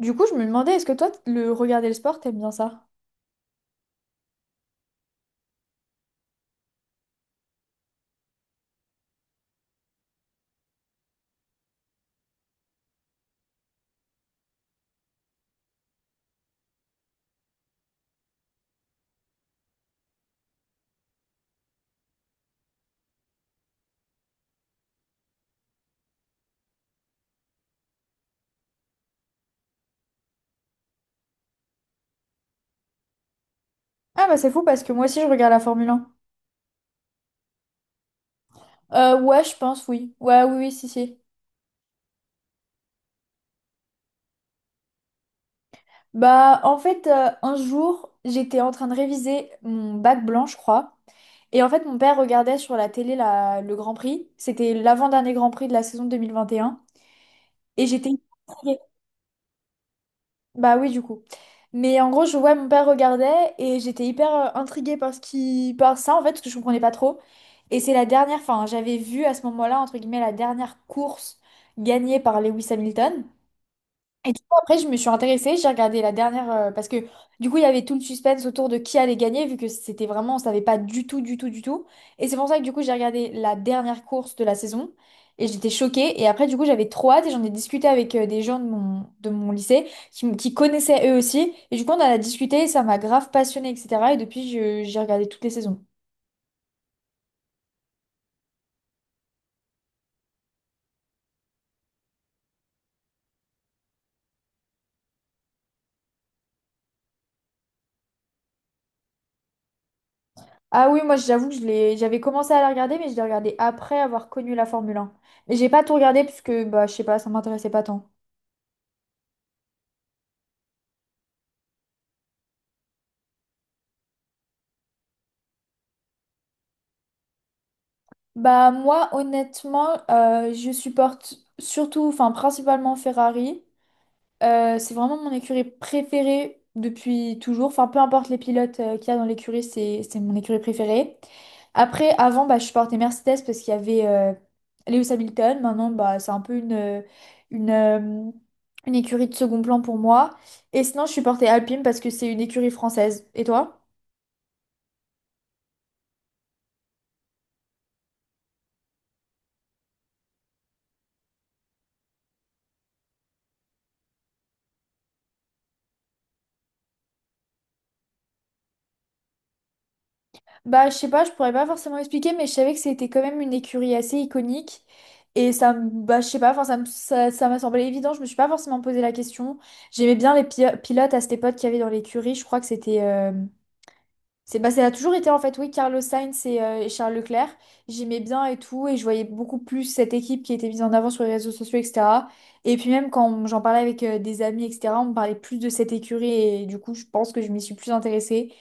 Du coup, je me demandais, est-ce que toi, le regarder le sport, t'aimes bien ça? Ah bah c'est fou parce que moi aussi, je regarde la Formule 1. Ouais, je pense, oui. Ouais, oui, oui, si, si. Bah, en fait, un jour, j'étais en train de réviser mon bac blanc, je crois. Et en fait, mon père regardait sur la télé le Grand Prix. C'était l'avant-dernier Grand Prix de la saison 2021. Et un. Et j'étais. Bah oui, du coup. Mais en gros, je vois mon père regardait et j'étais hyper intriguée par par ça, en fait, parce que je comprenais pas trop. Et c'est la dernière, enfin, j'avais vu à ce moment-là, entre guillemets, la dernière course gagnée par Lewis Hamilton. Et du coup, après, je me suis intéressée, j'ai regardé la dernière, parce que du coup, il y avait tout le suspense autour de qui allait gagner, vu que c'était vraiment, on savait pas du tout, du tout, du tout. Et c'est pour ça que du coup, j'ai regardé la dernière course de la saison, et j'étais choquée. Et après, du coup, j'avais trop hâte, et j'en ai discuté avec des gens de mon lycée, qui connaissaient eux aussi. Et du coup, on en a discuté, et ça m'a grave passionnée, etc. Et depuis, j'ai regardé toutes les saisons. Ah oui, moi, j'avoue que j'avais commencé à la regarder, mais je l'ai regardée après avoir connu la Formule 1. Mais j'ai pas tout regardé, parce que, bah, je sais pas, ça m'intéressait pas tant. Bah moi honnêtement je supporte surtout enfin principalement Ferrari. C'est vraiment mon écurie préférée depuis toujours. Enfin peu importe les pilotes qu'il y a dans l'écurie, c'est mon écurie préférée. Après avant bah je supportais Mercedes parce qu'il y avait Lewis Hamilton. Maintenant bah c'est un peu une euh, une écurie de second plan pour moi. Et sinon je supportais Alpine parce que c'est une écurie française. Et toi? Bah, je sais pas, je pourrais pas forcément expliquer, mais je savais que c'était quand même une écurie assez iconique. Et ça, bah, je sais pas, enfin, ça m'a semblé évident, je me suis pas forcément posé la question. J'aimais bien les pilotes à cette époque qu'il y avait dans l'écurie, je crois que bah, ça a toujours été en fait, oui, Carlos Sainz et Charles Leclerc. J'aimais bien et tout, et je voyais beaucoup plus cette équipe qui était mise en avant sur les réseaux sociaux, etc. Et puis même quand j'en parlais avec des amis, etc., on me parlait plus de cette écurie, et du coup, je pense que je m'y suis plus intéressée.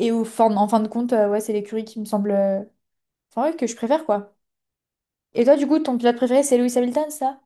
Et en fin de compte, ouais, c'est l'écurie qui me semble, enfin, ouais, que je préfère, quoi. Et toi, du coup, ton pilote préféré, c'est Lewis Hamilton, ça?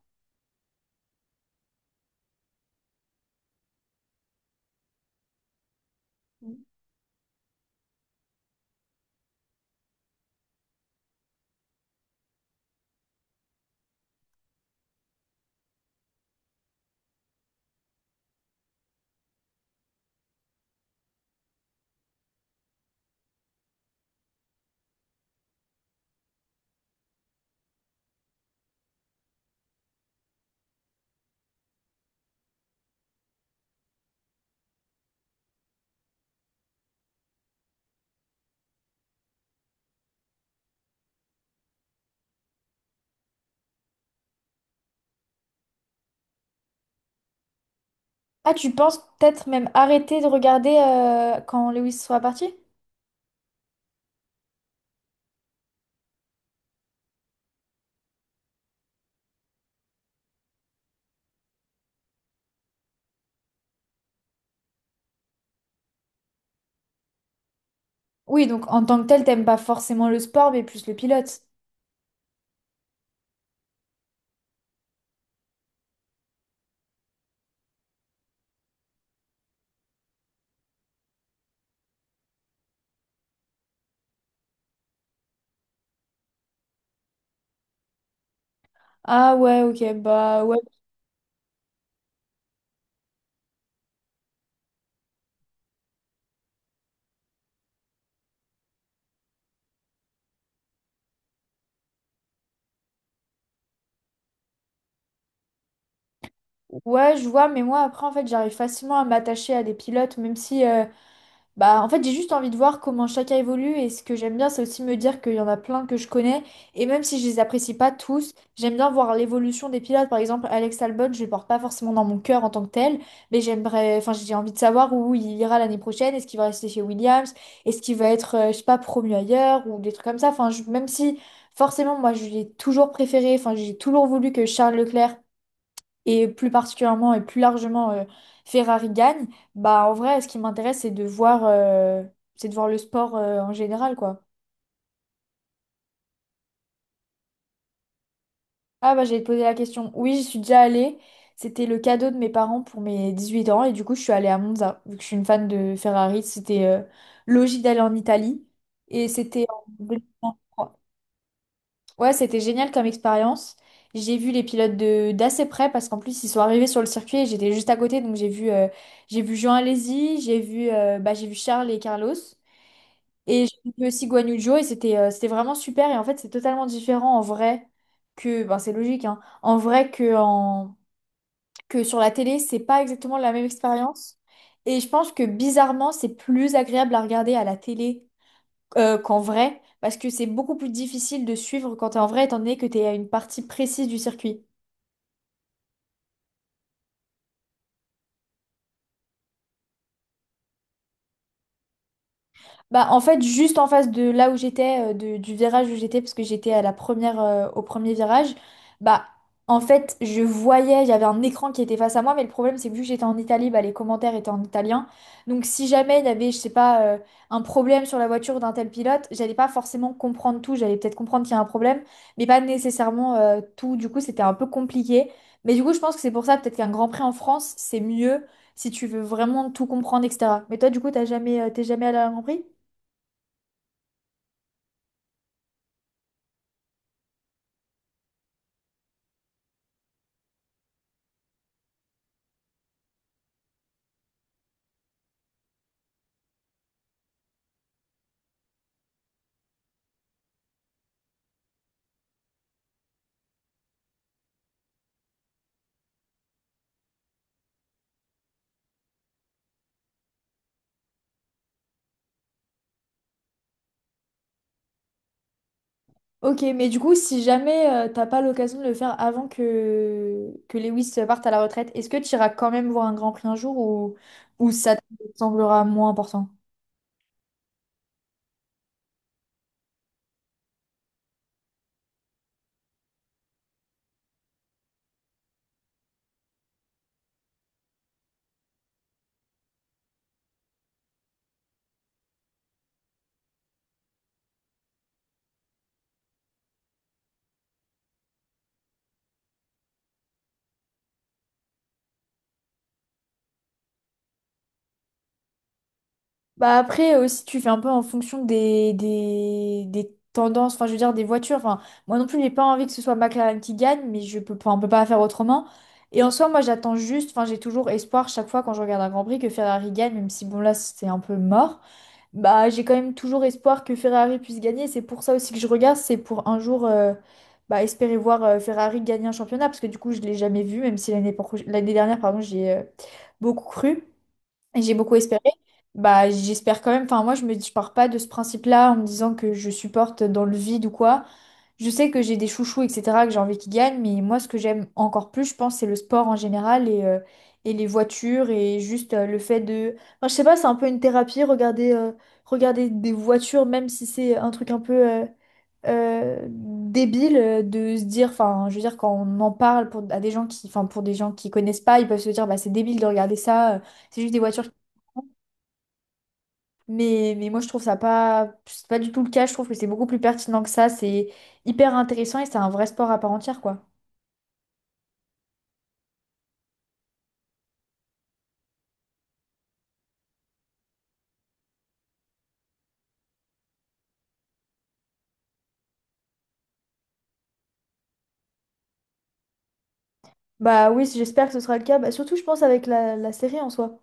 Ah, tu penses peut-être même arrêter de regarder quand Lewis sera parti? Oui, donc en tant que tel, t'aimes pas forcément le sport, mais plus le pilote. Ah ouais, ok, bah ouais, ouais, je vois, mais moi après, en fait, j'arrive facilement à m'attacher à des pilotes, même si bah, en fait, j'ai juste envie de voir comment chacun évolue et ce que j'aime bien, c'est aussi me dire qu'il y en a plein que je connais et même si je les apprécie pas tous, j'aime bien voir l'évolution des pilotes. Par exemple, Alex Albon, je le porte pas forcément dans mon cœur en tant que tel, mais enfin, j'ai envie de savoir où il ira l'année prochaine, est-ce qu'il va rester chez Williams, est-ce qu'il va être, je sais pas, promu ailleurs ou des trucs comme ça. Enfin, même si forcément, moi, je l'ai toujours préféré, enfin, j'ai toujours voulu que Charles Leclerc et plus particulièrement et plus largement Ferrari gagne, bah en vrai, ce qui m'intéresse, c'est de voir le sport en général, quoi. Ah bah j'allais te poser la question. Oui, j'y suis déjà allée. C'était le cadeau de mes parents pour mes 18 ans et du coup je suis allée à Monza. Vu que je suis une fan de Ferrari, c'était logique d'aller en Italie et c'était en 2023. Ouais, c'était génial comme expérience. J'ai vu les pilotes de d'assez près parce qu'en plus ils sont arrivés sur le circuit et j'étais juste à côté donc j'ai vu Jean Alesi, j'ai vu bah, j'ai vu Charles et Carlos et j'ai vu aussi Guan Yu Zhou et c'était vraiment super et en fait c'est totalement différent en vrai que ben c'est logique hein, en vrai que en que sur la télé c'est pas exactement la même expérience et je pense que bizarrement c'est plus agréable à regarder à la télé qu'en vrai, parce que c'est beaucoup plus difficile de suivre quand t'es en vrai, étant donné que t'es à une partie précise du circuit. Bah, en fait, juste en face de là où j'étais, du virage où j'étais, parce que j'étais à au premier virage, bah, en fait, je voyais, j'avais un écran qui était face à moi, mais le problème, c'est que vu que j'étais en Italie, bah, les commentaires étaient en italien. Donc, si jamais il y avait, je sais pas, un problème sur la voiture d'un tel pilote, j'allais pas forcément comprendre tout. J'allais peut-être comprendre qu'il y a un problème, mais pas nécessairement, tout. Du coup, c'était un peu compliqué. Mais du coup, je pense que c'est pour ça, peut-être qu'un Grand Prix en France, c'est mieux si tu veux vraiment tout comprendre, etc. Mais toi, du coup, t'es jamais allé à un Grand Prix? Ok, mais du coup, si jamais t'as pas l'occasion de le faire avant que Lewis parte à la retraite, est-ce que tu iras quand même voir un Grand Prix un jour ou ça te semblera moins important? Bah après aussi tu fais un peu en fonction des tendances, enfin je veux dire des voitures. Enfin, moi non plus j'ai pas envie que ce soit McLaren qui gagne, mais je peux pas, on peut pas faire autrement. Et en soi moi j'attends juste, enfin j'ai toujours espoir chaque fois quand je regarde un Grand Prix que Ferrari gagne, même si bon là c'est un peu mort. Bah j'ai quand même toujours espoir que Ferrari puisse gagner. C'est pour ça aussi que je regarde, c'est pour un jour bah, espérer voir Ferrari gagner un championnat, parce que du coup je l'ai jamais vu, même si l'année dernière pardon j'ai beaucoup cru et j'ai beaucoup espéré. Bah, j'espère quand même. Enfin, moi, je pars pas de ce principe-là en me disant que je supporte dans le vide ou quoi. Je sais que j'ai des chouchous, etc., que j'ai envie qu'ils gagnent, mais moi, ce que j'aime encore plus, je pense, c'est le sport en général et les voitures et juste le fait de. Enfin, je sais pas, c'est un peu une thérapie, regarder, regarder des voitures, même si c'est un truc un peu débile de se dire, enfin, je veux dire, quand on en parle pour, à des gens qui, enfin, pour des gens qui connaissent pas, ils peuvent se dire, bah, c'est débile de regarder ça, c'est juste des voitures. Mais moi, je trouve ça pas, c'est pas du tout le cas. Je trouve que c'est beaucoup plus pertinent que ça. C'est hyper intéressant et c'est un vrai sport à part entière, quoi. Bah oui, j'espère que ce sera le cas. Bah, surtout, je pense, avec la série en soi.